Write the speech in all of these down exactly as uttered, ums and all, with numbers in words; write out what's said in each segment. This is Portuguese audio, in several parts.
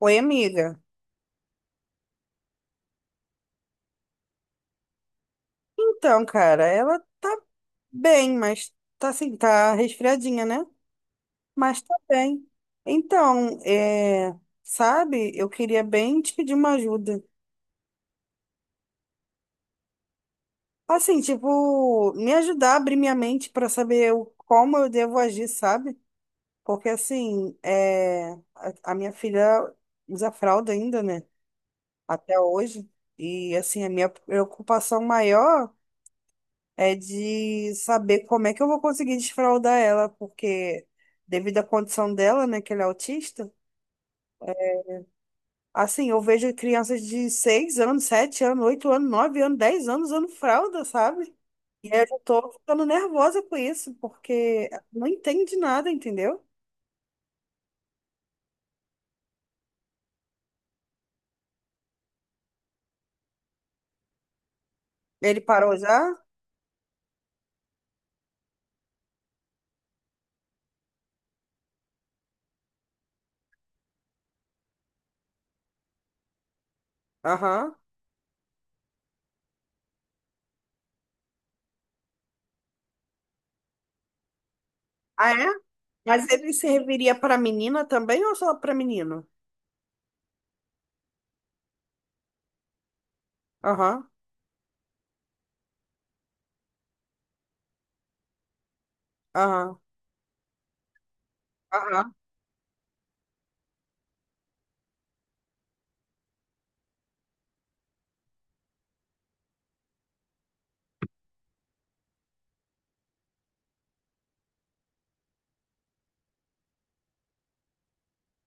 Oi, amiga. Então, cara, ela tá bem, mas tá assim, tá resfriadinha, né? Mas tá bem. Então, é, sabe, eu queria bem te pedir uma ajuda. Assim, tipo, me ajudar a abrir minha mente pra saber o- como eu devo agir, sabe? Porque assim, é, a, a minha filha usa fralda ainda, né? Até hoje. E assim, a minha preocupação maior é de saber como é que eu vou conseguir desfraldar ela, porque devido à condição dela, né, que ela é autista, assim, eu vejo crianças de seis anos, sete anos, oito anos, nove anos, dez anos usando fralda, sabe? E aí eu já tô ficando nervosa com isso, porque não entende nada, entendeu? Ele parou já? Aham. Ah, é? Mas ele serviria para menina também ou só para menino? Aham, aham, aham.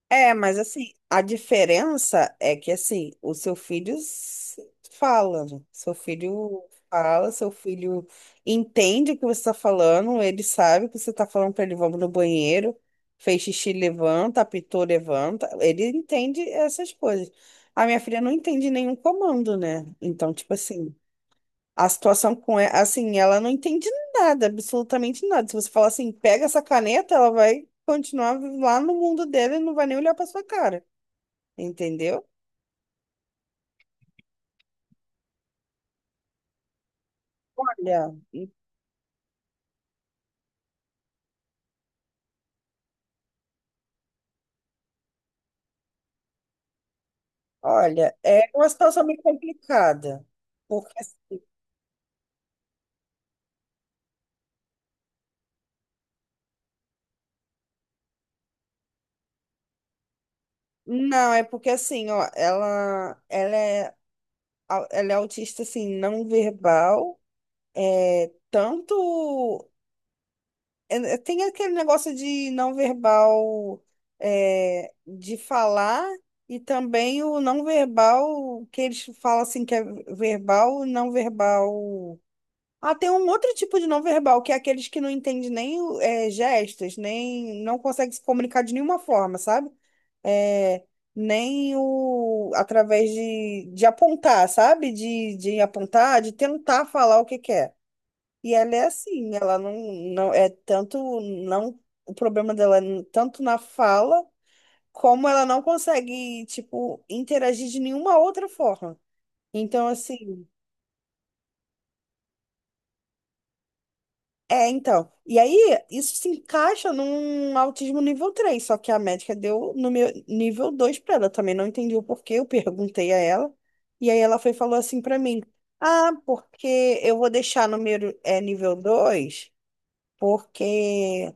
É, mas assim, a diferença é que assim, o seu filho s- fala, né? Seu filho fala, seu filho entende o que você está falando, ele sabe que você está falando para ele, vamos no banheiro, fez xixi, levanta, apitou, levanta. Ele entende essas coisas. A minha filha não entende nenhum comando, né? Então, tipo assim. A situação com ela, assim, ela não entende nada, absolutamente nada. Se você falar assim, pega essa caneta, ela vai continuar lá no mundo dela e não vai nem olhar para sua cara, entendeu? Olha, olha, é uma situação meio complicada. Porque assim, não, é porque assim, ó, ela, ela é, au- ela é autista assim, não verbal, é tanto é, é, tem aquele negócio de não verbal, é, de falar, e também o não verbal, que eles falam assim que é verbal, não verbal. Ah, tem um outro tipo de não verbal, que é aqueles que não entendem nem o- é, gestos, nem não conseguem se comunicar de nenhuma forma, sabe? É, nem o através de, de apontar, sabe? De, de apontar, de tentar falar o que quer. E ela é assim, ela não, não é tanto não, o problema dela é n- tanto na fala como ela não consegue tipo interagir de nenhuma outra forma. Então assim, é então. E aí isso se encaixa num autismo nível três, só que a médica deu no meu nível dois para ela, eu também não entendi o porquê, eu perguntei a ela. E aí ela foi e falou assim para mim: "Ah, porque eu vou deixar no meu é nível dois porque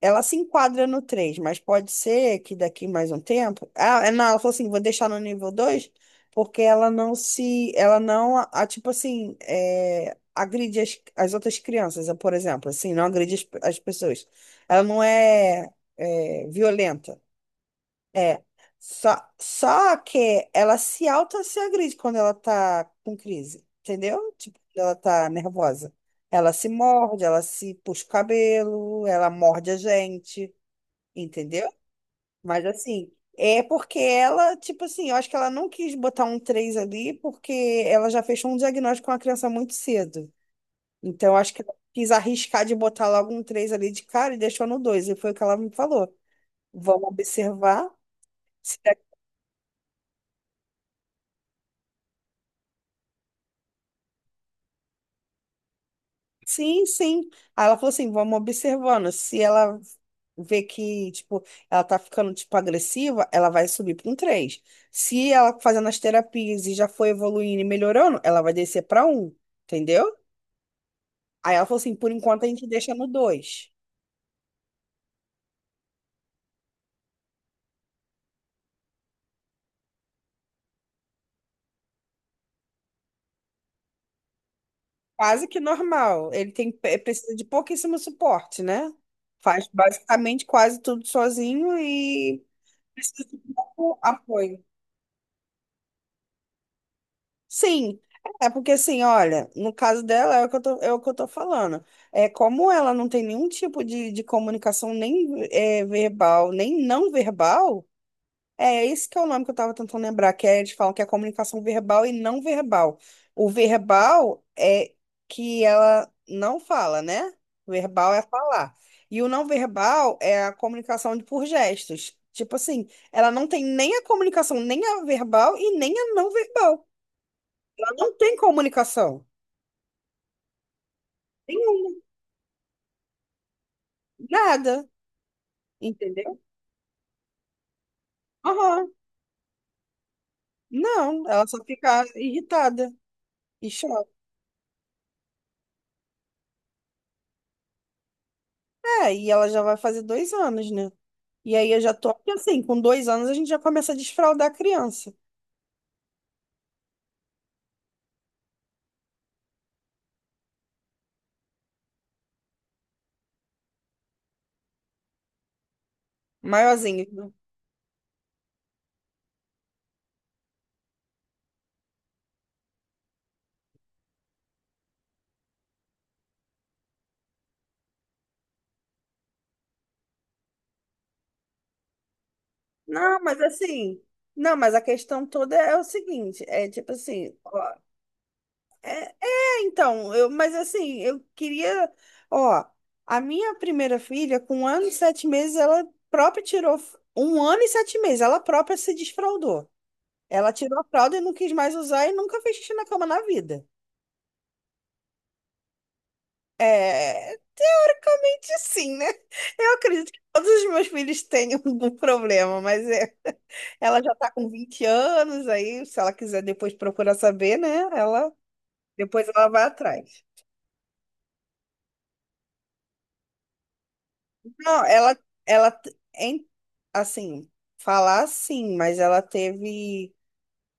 ela se enquadra no três, mas pode ser que daqui mais um tempo. Ah, é, não, ela falou assim: vou deixar no nível dois porque ela não se. Ela não, a, a- tipo assim, é, agride as, as outras crianças, eh, por exemplo, assim, não agride as, as pessoas. Ela não é, é violenta. É. Só, só que ela se auto se agride quando ela tá com crise, entendeu? Tipo, quando ela tá nervosa. Ela se morde, ela se puxa o cabelo, ela morde a gente. Entendeu? Mas assim, é porque ela, tipo assim, eu acho que ela não quis botar um três ali porque ela já fechou um diagnóstico com a criança muito cedo. Então, eu acho que ela quis arriscar de botar logo um três ali de cara e deixou no dois. E foi o que ela me falou. Vamos observar. Se da- Sim, sim. Aí ela falou assim, vamos observando. Se ela vê que, tipo, ela tá ficando, tipo, agressiva, ela vai subir para um três. Se ela fazendo as terapias e já foi evoluindo e melhorando, ela vai descer para um. Entendeu? Aí ela falou assim, por enquanto a gente deixa no dois. Quase que normal. Ele tem, eh, precisa de pouquíssimo suporte, né? Faz basicamente quase tudo sozinho e precisa de pouco apoio. Sim, é porque assim, olha, no caso dela é o que eu tô, é o que eu tô falando. É como ela não tem nenhum tipo de, de comunicação nem eh, verbal, nem não verbal. É, esse que é o nome que eu estava tentando lembrar, que é, eles falam que é comunicação verbal e não verbal. O verbal é que ela não fala, né? Verbal é falar. E o não verbal é a comunicação de- por gestos. Tipo assim, ela não tem nem a comunicação, nem a verbal e nem a não verbal. Ela não tem comunicação. Nenhuma. Nada. Entendeu? Aham. Não, ela só fica irritada e chora. É, e ela já vai fazer dois anos, né? E aí eu já tô, porque assim, com dois anos a gente já começa a desfraldar a criança, maiorzinho, né? Não, mas assim, não, mas a questão toda é o seguinte, é tipo assim, ó, é, é, então, eu, mas assim, eu queria, ó, a minha primeira filha, com um ano e sete meses, ela própria tirou, um ano e sete meses, ela própria se desfraldou. Ela tirou a fralda e não quis mais usar e nunca fez xixi na cama na vida. É, basicamente sim, né? Eu acredito que todos os meus filhos tenham algum problema, mas é, ela já tá com vinte anos, aí se ela quiser depois procurar saber, né? Ela depois ela vai atrás. Não, ela ela t- em- assim, falar sim, mas ela teve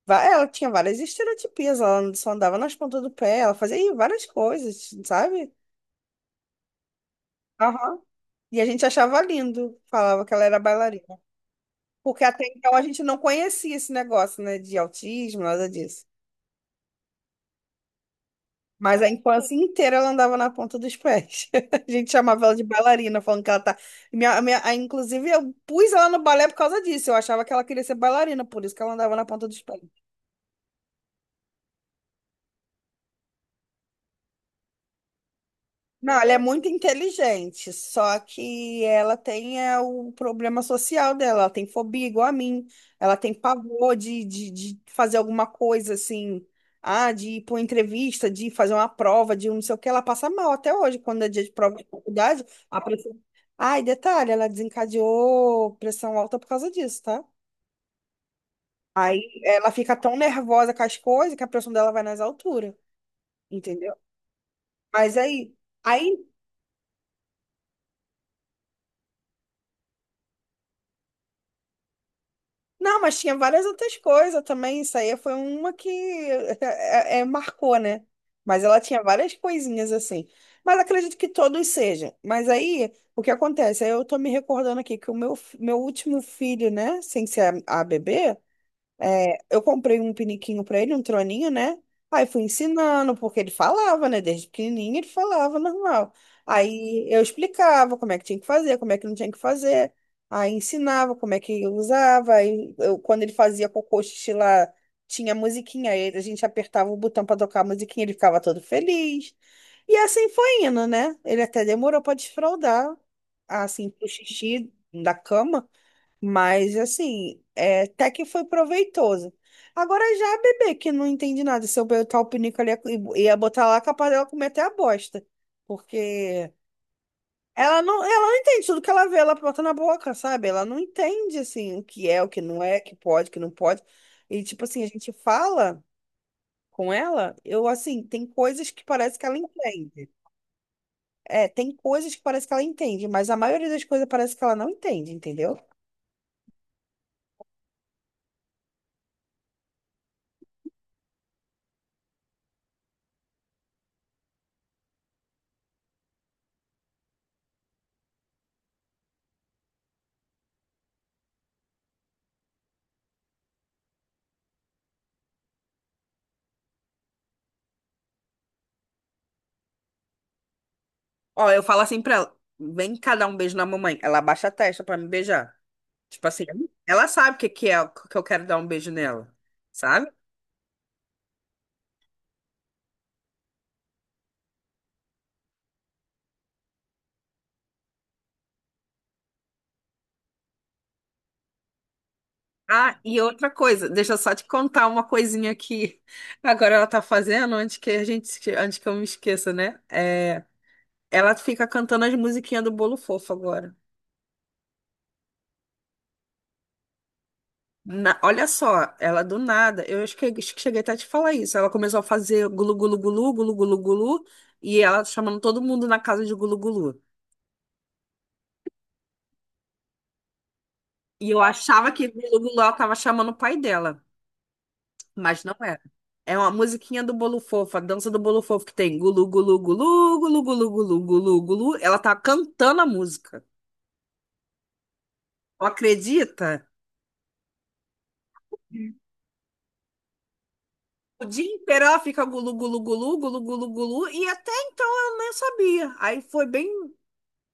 va- ela tinha várias estereotipias, ela só andava nas pontas do pé, ela fazia ih, várias coisas, sabe? Aham. E a gente achava lindo, falava que ela era bailarina. Porque até então a gente não conhecia esse negócio, né, de autismo, nada disso. Mas a infância inteira ela andava na ponta dos pés. A gente chamava ela de bailarina, falando que ela tá. Minha, minha, a- inclusive, eu pus ela no balé por causa disso. Eu achava que ela queria ser bailarina, por isso que ela andava na ponta dos pés. Não, ela é muito inteligente, só que ela tem é, o problema social dela, ela tem fobia igual a mim, ela tem pavor de, de, de fazer alguma coisa assim, ah, de ir para uma entrevista, de fazer uma prova, de um não sei o que, ela passa mal até hoje, quando é dia de prova de faculdade, a pressão. Ai, detalhe, ela desencadeou pressão alta por causa disso, tá? Aí ela fica tão nervosa com as coisas que a pressão dela vai nas alturas, entendeu? Mas aí. Aí não, mas tinha várias outras coisas também. Isso aí foi uma que é, é, marcou, né? Mas ela tinha várias coisinhas assim. Mas acredito que todos sejam. Mas aí, o que acontece? Aí eu tô me recordando aqui que o meu, fi- meu último filho, né? Sem ser a, a bebê, é, eu comprei um piniquinho pra ele, um troninho, né? Aí fui ensinando, porque ele falava, né? Desde pequenininho ele falava normal. Aí eu explicava como é que tinha que fazer, como é que não tinha que fazer. Aí ensinava como é que usava. Aí eu, quando ele fazia cocô, xixi lá, tinha musiquinha. Aí a gente apertava o botão pra tocar a musiquinha, ele ficava todo feliz. E assim foi indo, né? Ele até demorou pra desfraldar, assim, pro xixi da cama. Mas assim, é, até que foi proveitoso. Agora já a bebê, que não entende nada, se eu botar o pinico ali, e ia botar lá, capaz dela comer até a bosta. Porque ela não, ela não entende tudo que ela vê, ela bota na boca, sabe? Ela não entende, assim, o que é, o que não é, o que pode, o que não pode. E, tipo assim, a gente fala com ela, eu, assim, tem coisas que parece que ela entende. É, tem coisas que parece que ela entende, mas a maioria das coisas parece que ela não entende, entendeu? Ó, eu falo assim pra ela, vem cá dar um beijo na mamãe. Ela abaixa a testa pra me beijar. Tipo assim, ela sabe que que é que eu quero dar um beijo nela, sabe? Ah, e outra coisa, deixa eu só te contar uma coisinha que agora ela tá fazendo, antes que a gente, esque- antes que eu me esqueça, né? É, ela fica cantando as musiquinhas do Bolo Fofo agora. Na- olha só, ela do nada, eu acho que, acho que cheguei até a te falar isso. Ela começou a fazer gulu gulu gulu, gulu gulu gulu, e ela chamando todo mundo na casa de gulu gulu. E eu achava que gulu gulu ela tava chamando o pai dela. Mas não era. É uma musiquinha do Bolo Fofo, a dança do Bolo Fofo que tem gulu, gulu, gulu, gulu, gulu, gulu, gulu, gulu. Ela tá cantando a música. Não acredita? O dia inteiro ela fica gulu, gulu, gulu, gulu, gulu, gulu, e até então eu nem sabia. Aí foi bem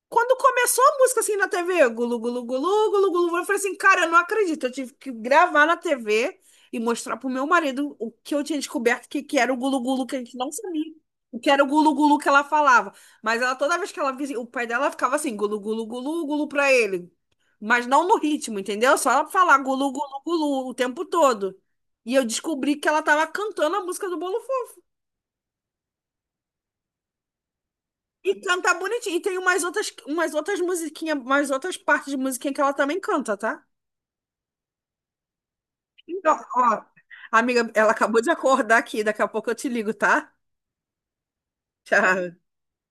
quando começou a música assim na T V, gulu, gulu, gulu, gulu, gulu, eu falei assim, cara, eu não acredito. Eu tive que gravar na T V e mostrar pro meu marido o que eu tinha descoberto, que, que era o gulu, gulu, que a gente não sabia. O que era o gulu, gulu que ela falava. Mas ela, toda vez que ela via, o pai dela ficava assim, gulu, gulu, gulu, gulu pra ele. Mas não no ritmo, entendeu? Só ela falar gulu, gulu, gulu o tempo todo. E eu descobri que ela tava cantando a música do Bolo. E canta bonitinho. E tem umas outras, umas outras musiquinhas, umas outras partes de musiquinha que ela também canta, tá? Então, ó, amiga, ela acabou de acordar aqui. Daqui a pouco eu te ligo, tá? Tchau.